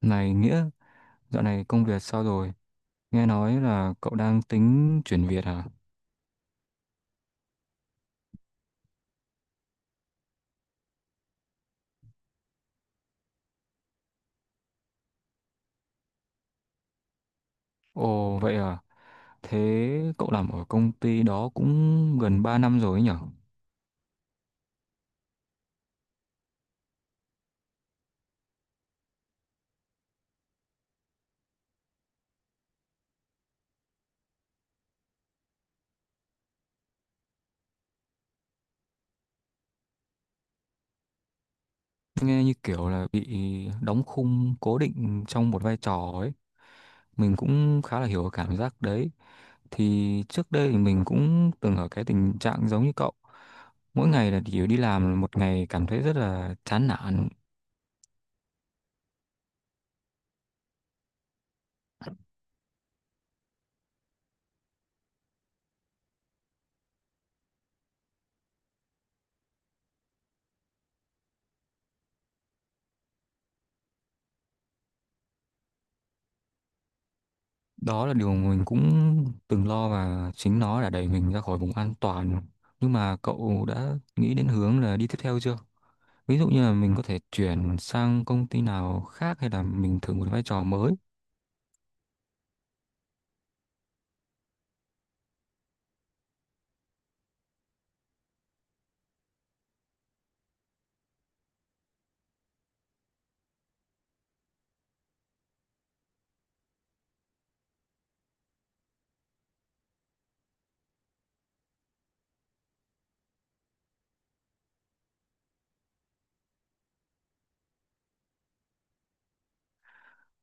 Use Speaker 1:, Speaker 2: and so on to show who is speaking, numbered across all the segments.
Speaker 1: Này Nghĩa, dạo này công việc sao rồi? Nghe nói là cậu đang tính chuyển việc à? Ồ vậy à? Thế cậu làm ở công ty đó cũng gần 3 năm rồi ấy nhở? Nghe như kiểu là bị đóng khung cố định trong một vai trò ấy. Mình cũng khá là hiểu cái cảm giác đấy. Thì trước đây thì mình cũng từng ở cái tình trạng giống như cậu. Mỗi ngày là chỉ đi làm một ngày cảm thấy rất là chán nản. Đó là điều mình cũng từng lo và chính nó đã đẩy mình ra khỏi vùng an toàn. Nhưng mà cậu đã nghĩ đến hướng là đi tiếp theo chưa? Ví dụ như là mình có thể chuyển sang công ty nào khác hay là mình thử một vai trò mới.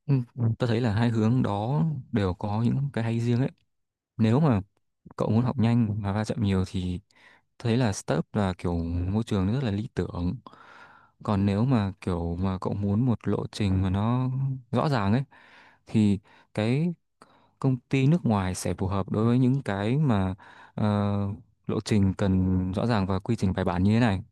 Speaker 1: Ừ. Tôi thấy là hai hướng đó đều có những cái hay riêng ấy. Nếu mà cậu muốn học nhanh và va chạm nhiều thì tôi thấy là startup là kiểu môi trường rất là lý tưởng. Còn nếu mà kiểu mà cậu muốn một lộ trình mà nó rõ ràng ấy thì cái công ty nước ngoài sẽ phù hợp đối với những cái mà ờ, lộ trình cần rõ ràng và quy trình bài bản như thế này.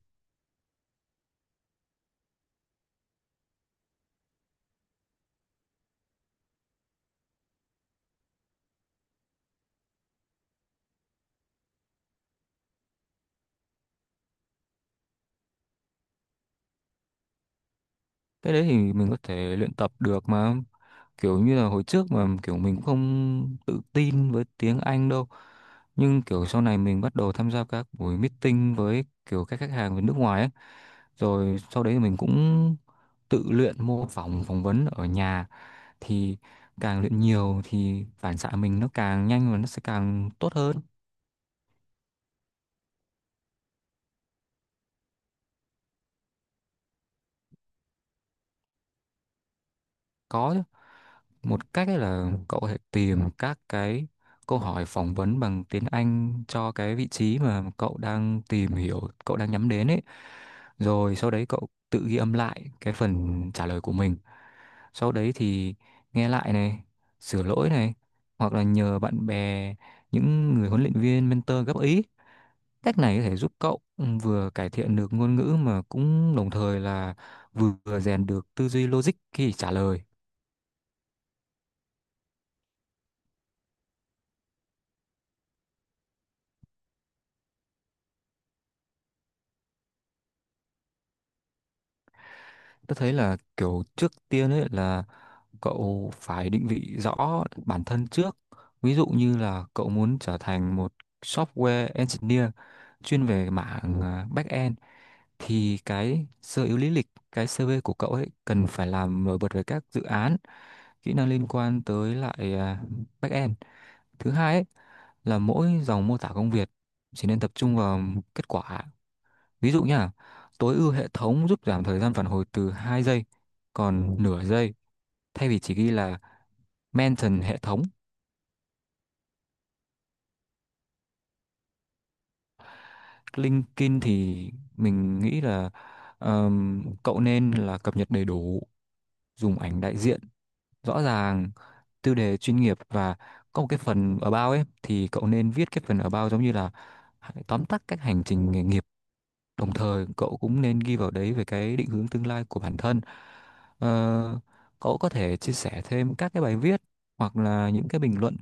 Speaker 1: Cái đấy thì mình có thể luyện tập được mà, kiểu như là hồi trước mà kiểu mình cũng không tự tin với tiếng Anh đâu, nhưng kiểu sau này mình bắt đầu tham gia các buổi meeting với kiểu các khách hàng ở nước ngoài ấy, rồi sau đấy mình cũng tự luyện mô phỏng phỏng vấn ở nhà, thì càng luyện nhiều thì phản xạ mình nó càng nhanh và nó sẽ càng tốt hơn. Có một cách ấy là cậu có thể tìm các cái câu hỏi phỏng vấn bằng tiếng Anh cho cái vị trí mà cậu đang tìm hiểu, cậu đang nhắm đến ấy. Rồi sau đấy cậu tự ghi âm lại cái phần trả lời của mình. Sau đấy thì nghe lại này, sửa lỗi này, hoặc là nhờ bạn bè, những người huấn luyện viên, mentor góp ý. Cách này có thể giúp cậu vừa cải thiện được ngôn ngữ mà cũng đồng thời là vừa rèn được tư duy logic khi trả lời. Tôi thấy là kiểu trước tiên ấy là cậu phải định vị rõ bản thân trước. Ví dụ như là cậu muốn trở thành một software engineer chuyên về mảng back-end, thì cái sơ yếu lý lịch, cái CV của cậu ấy cần phải làm nổi bật về các dự án, kỹ năng liên quan tới lại back-end. Thứ hai ấy là mỗi dòng mô tả công việc chỉ nên tập trung vào kết quả. Ví dụ nhá, tối ưu hệ thống giúp giảm thời gian phản hồi từ 2 giây còn nửa giây. Thay vì chỉ ghi là mention hệ thống. LinkedIn thì mình nghĩ là cậu nên là cập nhật đầy đủ, dùng ảnh đại diện rõ ràng, tiêu đề chuyên nghiệp và có một cái phần about ấy thì cậu nên viết cái phần about giống như là tóm tắt các hành trình nghề nghiệp. Đồng thời cậu cũng nên ghi vào đấy về cái định hướng tương lai của bản thân. Ờ, Cậu có thể chia sẻ thêm các cái bài viết hoặc là những cái bình luận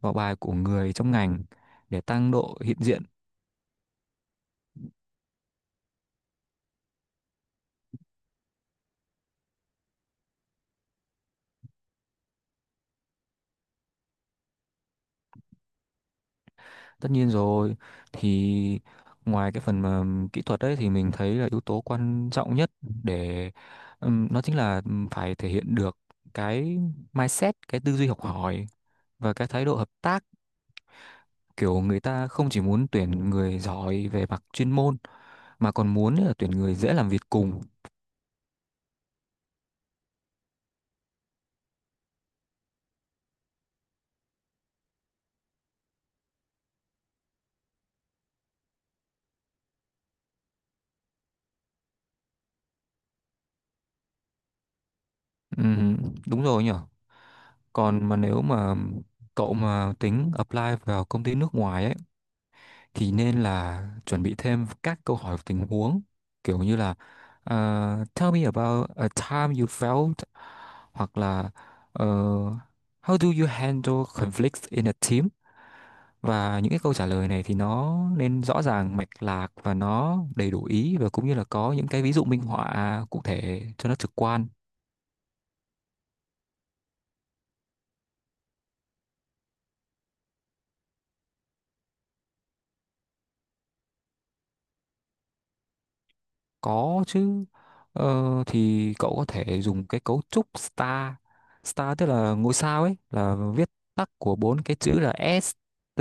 Speaker 1: vào bài của người trong ngành để tăng độ hiện diện. Tất nhiên rồi, thì ngoài cái phần mà kỹ thuật đấy thì mình thấy là yếu tố quan trọng nhất để nó chính là phải thể hiện được cái mindset, cái tư duy học hỏi và cái thái độ hợp tác. Kiểu người ta không chỉ muốn tuyển người giỏi về mặt chuyên môn mà còn muốn là tuyển người dễ làm việc cùng. Ừ, đúng rồi nhở, còn mà nếu mà cậu mà tính apply vào công ty nước ngoài ấy thì nên là chuẩn bị thêm các câu hỏi tình huống kiểu như là tell me about a time you felt, hoặc là ờ, how do you handle conflicts in a team. Và những cái câu trả lời này thì nó nên rõ ràng mạch lạc và nó đầy đủ ý và cũng như là có những cái ví dụ minh họa cụ thể cho nó trực quan. Có chứ. Thì cậu có thể dùng cái cấu trúc star. Star tức là ngôi sao ấy, là viết tắt của bốn cái chữ là S, T,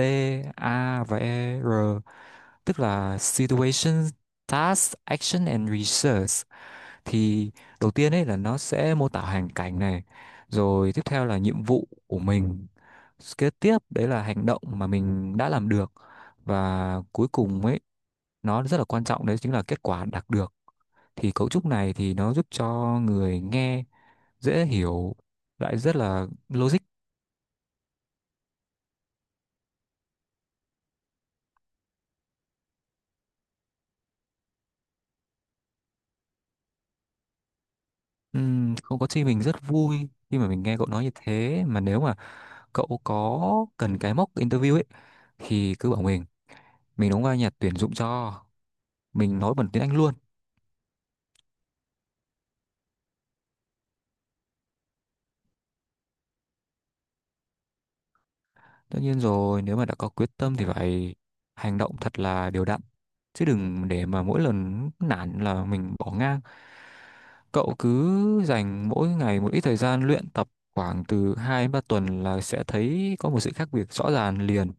Speaker 1: A và E, R, tức là situation, task, action and research. Thì đầu tiên ấy là nó sẽ mô tả hoàn cảnh này, rồi tiếp theo là nhiệm vụ của mình, kế tiếp đấy là hành động mà mình đã làm được, và cuối cùng ấy nó rất là quan trọng đấy chính là kết quả đạt được. Thì cấu trúc này thì nó giúp cho người nghe dễ hiểu, lại rất là logic. Không có chi, mình rất vui khi mà mình nghe cậu nói như thế, mà nếu mà cậu có cần cái mock interview ấy thì cứ bảo mình đóng vai nhà tuyển dụng cho, mình nói bằng tiếng Anh luôn. Tất nhiên rồi, nếu mà đã có quyết tâm thì phải hành động thật là đều đặn. Chứ đừng để mà mỗi lần nản là mình bỏ ngang. Cậu cứ dành mỗi ngày một ít thời gian luyện tập khoảng từ 2 đến 3 tuần là sẽ thấy có một sự khác biệt rõ ràng liền.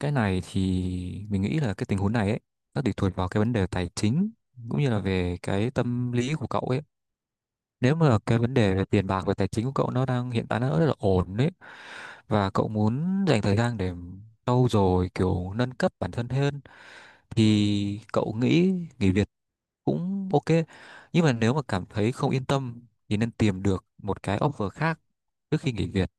Speaker 1: Cái này thì mình nghĩ là cái tình huống này ấy, nó tùy thuộc vào cái vấn đề tài chính cũng như là về cái tâm lý của cậu ấy. Nếu mà cái vấn đề về tiền bạc và tài chính của cậu nó đang hiện tại nó rất là ổn đấy và cậu muốn dành thời gian để trau dồi kiểu nâng cấp bản thân hơn thì cậu nghĩ nghỉ việc cũng ok, nhưng mà nếu mà cảm thấy không yên tâm thì nên tìm được một cái offer khác trước khi nghỉ việc.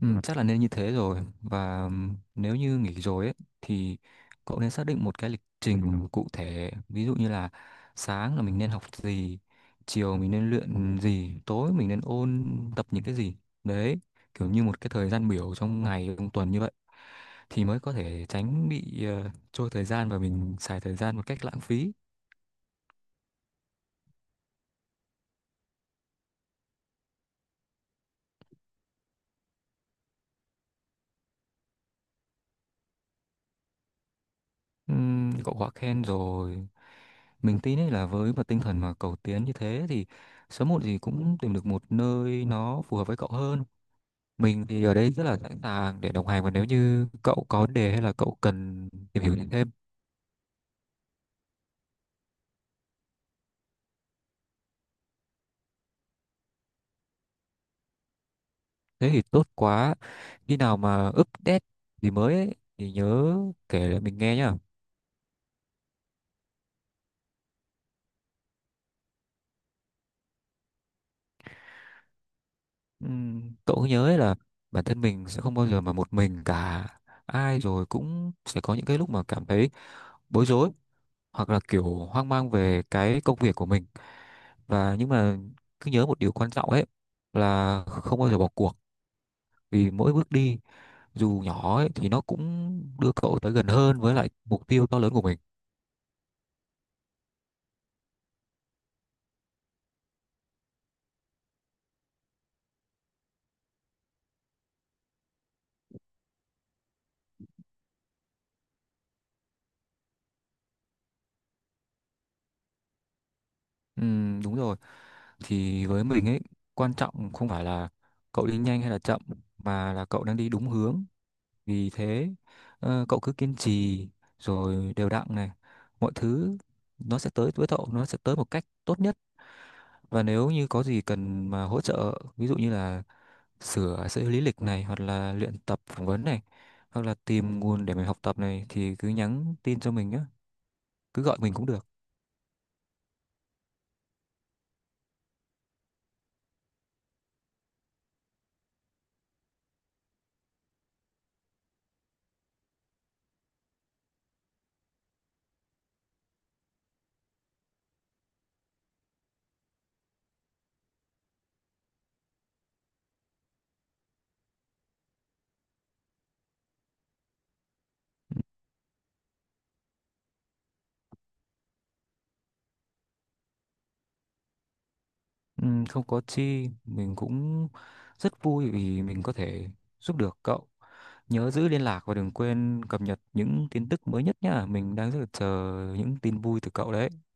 Speaker 1: Ừ, chắc là nên như thế rồi và nếu như nghỉ rồi ấy thì cậu nên xác định một cái lịch trình cụ thể ví dụ như là sáng là mình nên học gì, chiều mình nên luyện gì, tối mình nên ôn tập những cái gì đấy, kiểu như một cái thời gian biểu trong ngày trong tuần như vậy thì mới có thể tránh bị trôi thời gian và mình xài thời gian một cách lãng phí. Cậu quá khen rồi, mình tin ấy là với một tinh thần mà cầu tiến như thế thì sớm muộn gì cũng tìm được một nơi nó phù hợp với cậu hơn. Mình thì ở đây rất là sẵn sàng để đồng hành và nếu như cậu có vấn đề hay là cậu cần tìm hiểu thêm. Thế thì tốt quá, khi nào mà update gì mới ấy, thì nhớ kể lại mình nghe nhá. Cậu cứ nhớ ấy là bản thân mình sẽ không bao giờ mà một mình cả, ai rồi cũng sẽ có những cái lúc mà cảm thấy bối rối hoặc là kiểu hoang mang về cái công việc của mình, và nhưng mà cứ nhớ một điều quan trọng ấy là không bao giờ bỏ cuộc, vì mỗi bước đi dù nhỏ ấy, thì nó cũng đưa cậu tới gần hơn với lại mục tiêu to lớn của mình. Đúng rồi, thì với mình ấy quan trọng không phải là cậu đi nhanh hay là chậm mà là cậu đang đi đúng hướng. Vì thế cậu cứ kiên trì rồi đều đặn này, mọi thứ nó sẽ tới với cậu, nó sẽ tới một cách tốt nhất. Và nếu như có gì cần mà hỗ trợ, ví dụ như là sửa sửa lý lịch này, hoặc là luyện tập phỏng vấn này hoặc là tìm nguồn để mình học tập này thì cứ nhắn tin cho mình nhé, cứ gọi mình cũng được. Không có chi, mình cũng rất vui vì mình có thể giúp được cậu. Nhớ giữ liên lạc và đừng quên cập nhật những tin tức mới nhất nhá. Mình đang rất là chờ những tin vui từ cậu đấy.